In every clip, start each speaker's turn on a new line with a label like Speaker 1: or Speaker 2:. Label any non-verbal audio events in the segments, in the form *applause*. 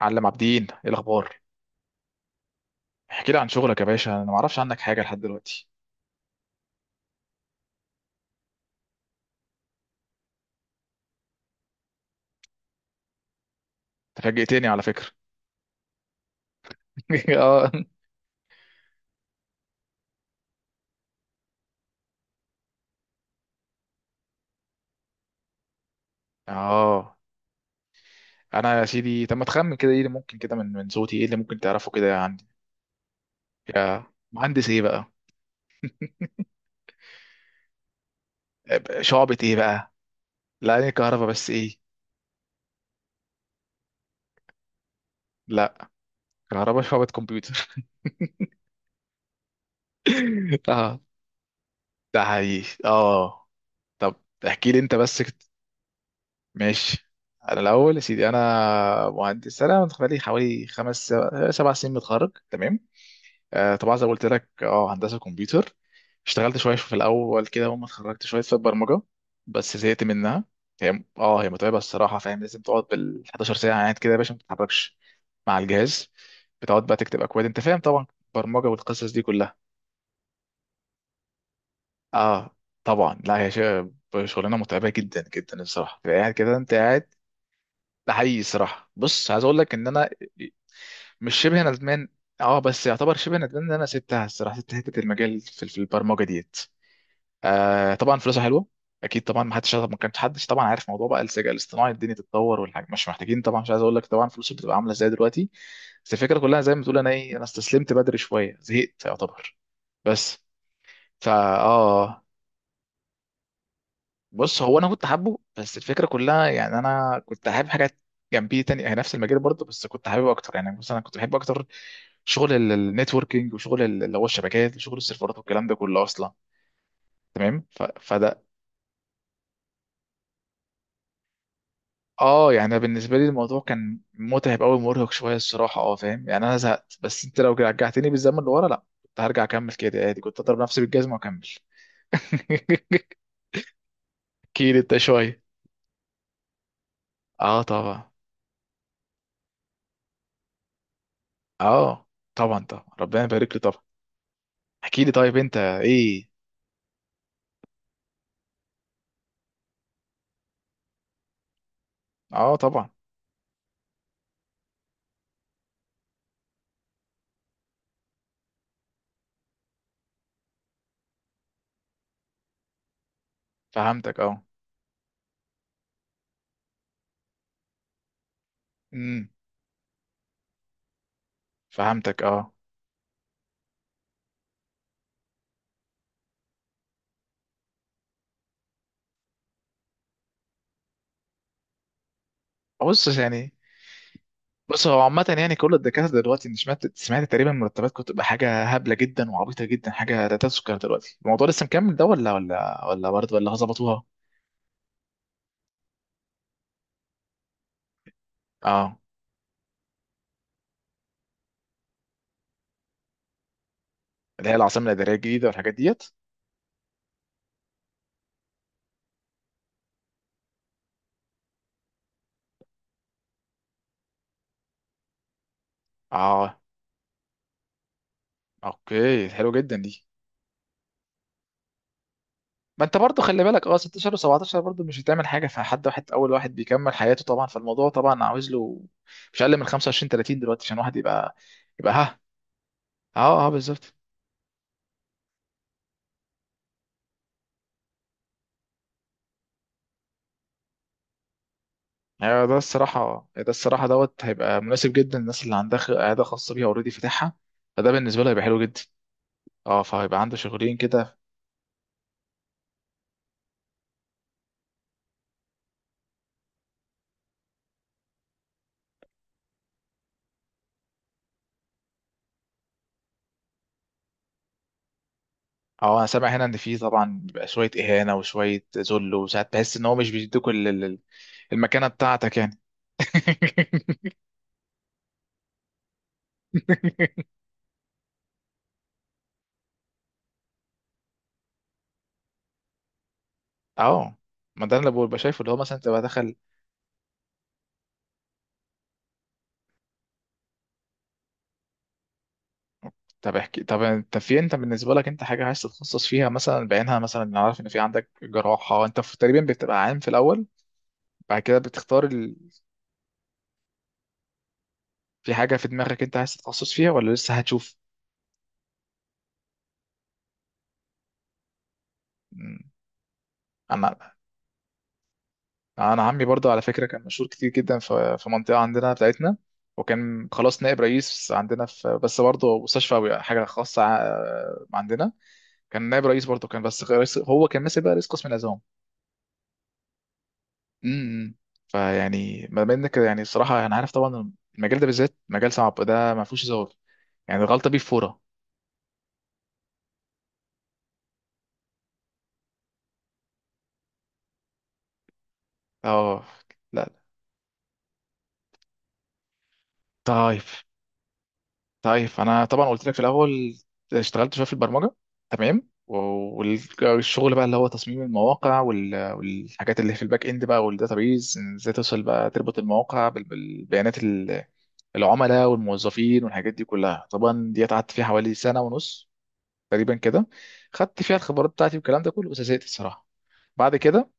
Speaker 1: معلم عابدين، ايه الاخبار؟ احكي لي عن شغلك يا باشا، انا ما اعرفش عنك حاجه لحد دلوقتي. أنت فاجئتني على فكره. *laughs* اه، اه، انا يا سيدي طب ما تخمن كده، ايه اللي ممكن كده من صوتي، ايه اللي ممكن تعرفه كده عندي؟ يا. مهندس ايه بقى؟ شعبة ايه بقى؟ لا، انا كهرباء بس ايه؟ لا، كهرباء شعبة كمبيوتر. *laughs* اه. ده حقيقي اه. طب، احكي لي انت بس كت... ماشي. انا الاول يا سيدي، انا مهندس، انا بقالي حوالي خمس سبع سبع سنين متخرج، تمام. طبعا زي ما قلت لك هندسه كمبيوتر. اشتغلت شويه في الاول كده، اول ما اتخرجت شويه في البرمجه. بس زهقت منها. هي متعبه الصراحه، فاهم؟ لازم تقعد بال 11 ساعه قاعد كده يا باشا، ما بتتحركش مع الجهاز. بتقعد بقى تكتب اكواد، انت فاهم طبعا البرمجه والقصص دي كلها. اه طبعا، لا هي شغلانه متعبه جدا جدا الصراحه، تبقى قاعد كده انت قاعد. ده حقيقي الصراحه. بص، عايز اقول لك ان انا مش شبه ندمان. اه بس يعتبر شبه ندمان ان انا سبتها الصراحه، سبت حته المجال في البرمجه ديت. طبعا فلوسها حلوه. اكيد طبعا، ما كانش حدش طبعا عارف موضوع بقى الذكاء الاصطناعي، الدنيا تتطور والحاجه مش محتاجين، طبعا مش عايز اقول لك طبعا فلوسه بتبقى عامله ازاي دلوقتي. بس الفكره كلها زي ما بتقول، انا استسلمت بدري شويه، زهقت يعتبر. بس. فا... اه، بص، هو انا كنت حابه بس الفكره كلها يعني انا كنت حابب حاجات جنبيه تانية هي نفس المجال برضه، بس كنت حابب اكتر يعني مثلا كنت بحب اكتر شغل النتوركينج وشغل اللي هو الشبكات وشغل السيرفرات والكلام ده كله اصلا. تمام، فده... اه يعني أنا بالنسبه لي الموضوع كان متعب قوي مرهق شويه الصراحه، فاهم؟ يعني انا زهقت، بس انت لو رجعتني بالزمن لورا، لا كنت هرجع اكمل كده عادي، كنت اضرب نفسي بالجزمه واكمل. *laughs* احكي لي انت شويه. اه طبعا. اه، طبعا طبعا ربنا يبارك لي طبعا. احكي لي طيب انت ايه؟ اه طبعا، فهمتك اه. امم فهمتك اه. بص يعني بص هو عامة يعني كل الدكاترة دلوقتي، انت سمعت تقريبا مرتبات كنت بقى حاجة هبلة جدا وعبيطة جدا، حاجة لا تذكر. دلوقتي الموضوع لسه مكمل ده ولا برضه ولا ظبطوها؟ اه، اللي هي العاصمة الإدارية الجديدة والحاجات ديت. اه، اوكي، حلو جدا دي. ما انت برضه خلي بالك، 16 و17 برضه مش هتعمل حاجة فحد واحد، اول واحد بيكمل حياته طبعا، فالموضوع طبعا عاوز له مش اقل من 25، 30 دلوقتي عشان واحد يبقى، يبقى ها... اه، اه، بالظبط. يعني ده الصراحة دوت هيبقى مناسب جدا للناس اللي عندها عيادة خاصة بيها اوريدي فاتحها. فده بالنسبة له هيبقى حلو جدا. اه، فهيبقى عنده شغلين كده. اه، انا سامع هنا ان في طبعا بيبقى شوية اهانة وشوية ذل، وساعات بحس ان هو مش بيدوك المكانة بتاعتك يعني. *laughs* اه. ما ده اللي ببقى شايفه، اللي هو مثلا تبقى دخل. طب انت في انت بالنسبه لك انت حاجه عايز تتخصص فيها مثلا بعينها، مثلا انا عارف ان في عندك جراحه، انت في تقريبا بتبقى عام في الاول، بعد كده بتختار. في حاجة في دماغك انت عايز تتخصص فيها، ولا لسه هتشوف؟ مم. انا... انا عمي برضو على فكرة كان مشهور كتير جدا في منطقة عندنا بتاعتنا، وكان خلاص نائب رئيس عندنا في، بس برضه مستشفى أو حاجة خاصة عندنا. كان نائب رئيس برضه، كان بس رئيس، هو كان ماسك بقى رئيس قسم العظام. امم فيعني ما بين كده، يعني الصراحة انا عارف طبعا المجال ده بالذات مجال صعب، ده ما فيهوش هزار. يعني الغلطة بيه فورة. اه، لا، طيب. طيب انا طبعا قلت لك في الاول، اشتغلت شويه في البرمجه. تمام، والشغل بقى اللي هو تصميم المواقع والحاجات اللي في الباك اند بقى، والداتابيز ازاي توصل بقى تربط المواقع بالبيانات العملاء والموظفين والحاجات دي كلها، طبعا دي قعدت فيها حوالي سنه ونص تقريبا كده. خدت فيها الخبرات بتاعتي والكلام ده كله، بس زهقت الصراحه. بعد كده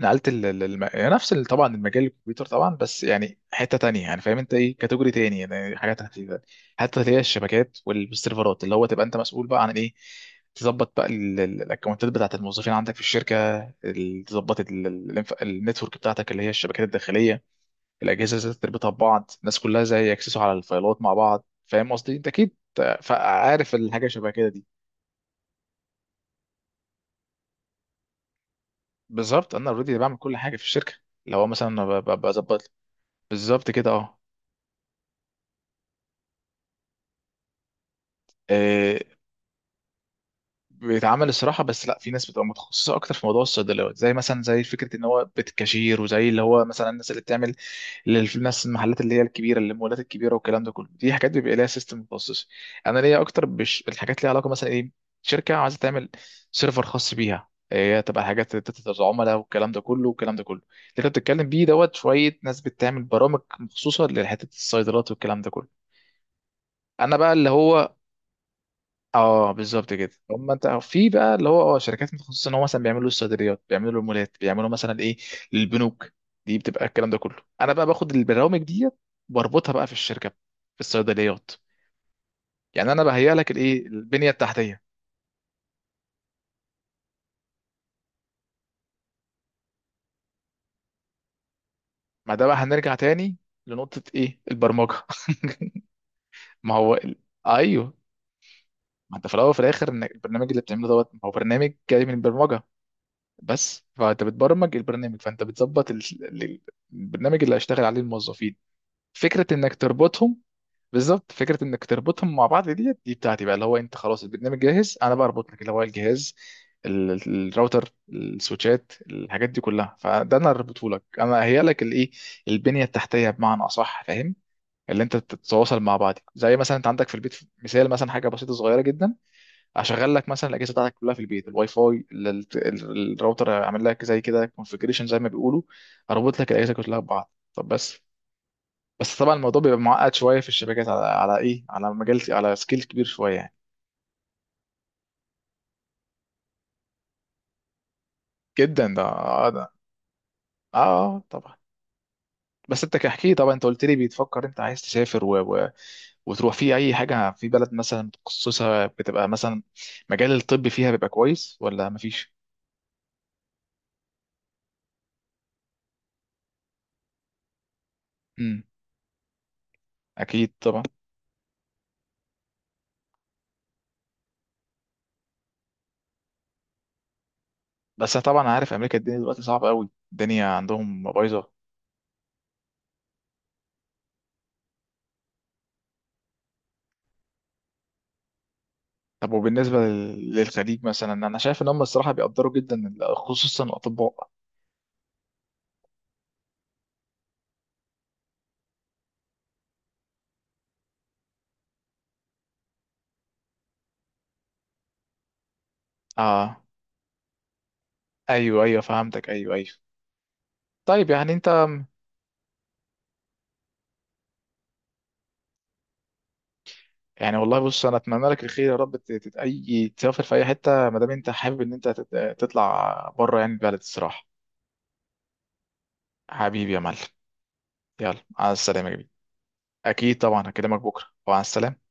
Speaker 1: نقلت يعني نفس طبعا المجال الكمبيوتر طبعا، بس يعني حته تانية يعني فاهم انت، ايه كاتيجوري تاني يعني، حاجات خفيفه. حتى اللي هي الشبكات والسيرفرات، اللي هو تبقى انت مسؤول بقى عن ايه، تظبط بقى الاكونتات بتاعت الموظفين عندك في الشركه. تظبط النتورك بتاعتك اللي هي الشبكات الداخليه. الاجهزه ازاي تربطها ببعض، الناس كلها ازاي يكسسوا على الفايلات مع بعض، فاهم قصدي انت اكيد عارف الحاجه شبه كده دي. بالظبط انا اوريدي بعمل كل حاجه في الشركه، اللي هو مثلا أنا بظبط... بالظبط كده اه. آه، بيتعمل الصراحه، بس لا في ناس بتبقى متخصصه اكتر في موضوع الصيدليات، زي مثلا زي فكره ان هو بيت كاشير، وزي اللي هو مثلا الناس اللي بتعمل، الناس المحلات اللي هي الكبيره، اللي المولات الكبيره والكلام ده كله، دي حاجات بيبقى ليها سيستم متخصص. انا ليا اكتر الحاجات ليها علاقه مثلا ايه، شركه عايزه تعمل سيرفر خاص بيها، هي تبقى حاجات داتا العملاء والكلام ده كله اللي انت بتتكلم بيه دوت، شويه ناس بتعمل برامج مخصوصه لحته الصيدلات والكلام ده كله. انا بقى اللي هو، اه بالظبط كده هم، انت في بقى اللي هو اه شركات متخصصه ان هو مثلا بيعملوا الصيدليات، بيعملوا المولات، بيعملوا مثلا ايه للبنوك. دي بتبقى الكلام ده كله، انا بقى باخد البرامج ديت واربطها بقى في الشركه، في الصيدليات. يعني انا بهيئ لك الايه البنيه التحتيه. ما ده بقى هنرجع تاني لنقطه ايه البرمجه. *laughs* ما هو ال... ايوه، ما انت في الاول وفي الاخر ان البرنامج اللي بتعمله دوت ما هو برنامج جاي من البرمجه. بس فانت بتبرمج البرنامج، فانت بتظبط ال... ال- البرنامج اللي هيشتغل عليه الموظفين، فكره انك تربطهم. بالظبط، فكره انك تربطهم مع بعض دي بتاعتي بقى، اللي هو انت خلاص البرنامج جاهز، انا بقى اربط لك اللي هو الجهاز، الراوتر، السويتشات، الحاجات دي كلها، فده انا اربطه لك، انا اهيئ لك الايه البنيه التحتيه بمعنى اصح، فاهم. اللي انت تتواصل مع بعض، زي مثلا انت عندك في البيت مثال، مثلا حاجه بسيطه صغيره جدا، اشغل لك مثلا الاجهزه بتاعتك كلها في البيت، الواي فاي، الراوتر، اعمل لك زي كده كونفجريشن زي ما بيقولوا، اربط لك الاجهزه كلها ببعض. طب بس، بس طبعا الموضوع بيبقى معقد شويه في الشبكات، على ايه، على مجال، على سكيل كبير شويه يعني. جدا ده، اه، ده، اه طبعا. بس انت كحكي طبعا، انت قلت لي بتفكر انت عايز تسافر و... وتروح في اي حاجه في بلد مثلا متخصصه بتبقى مثلا مجال الطب فيها بيبقى كويس ولا مفيش؟ امم اكيد طبعا. بس طبعا، عارف امريكا الدنيا دلوقتي صعبه قوي، الدنيا عندهم بايظه. طب وبالنسبه للخليج، مثلا انا شايف ان هم الصراحه بيقدروا جدا خصوصا الاطباء. اه، ايوه، ايوه، فهمتك، ايوه، ايوه. طيب يعني انت... يعني والله، بص، انا اتمنى لك الخير يا رب ت- تت- اي تسافر في اي حته ما دام انت حابب ان انت تطلع بره يعني البلد الصراحه. حبيبي يا معلم. يلا، على السلامه يا جميل. اكيد طبعا، هكلمك بكره وعلى السلامه.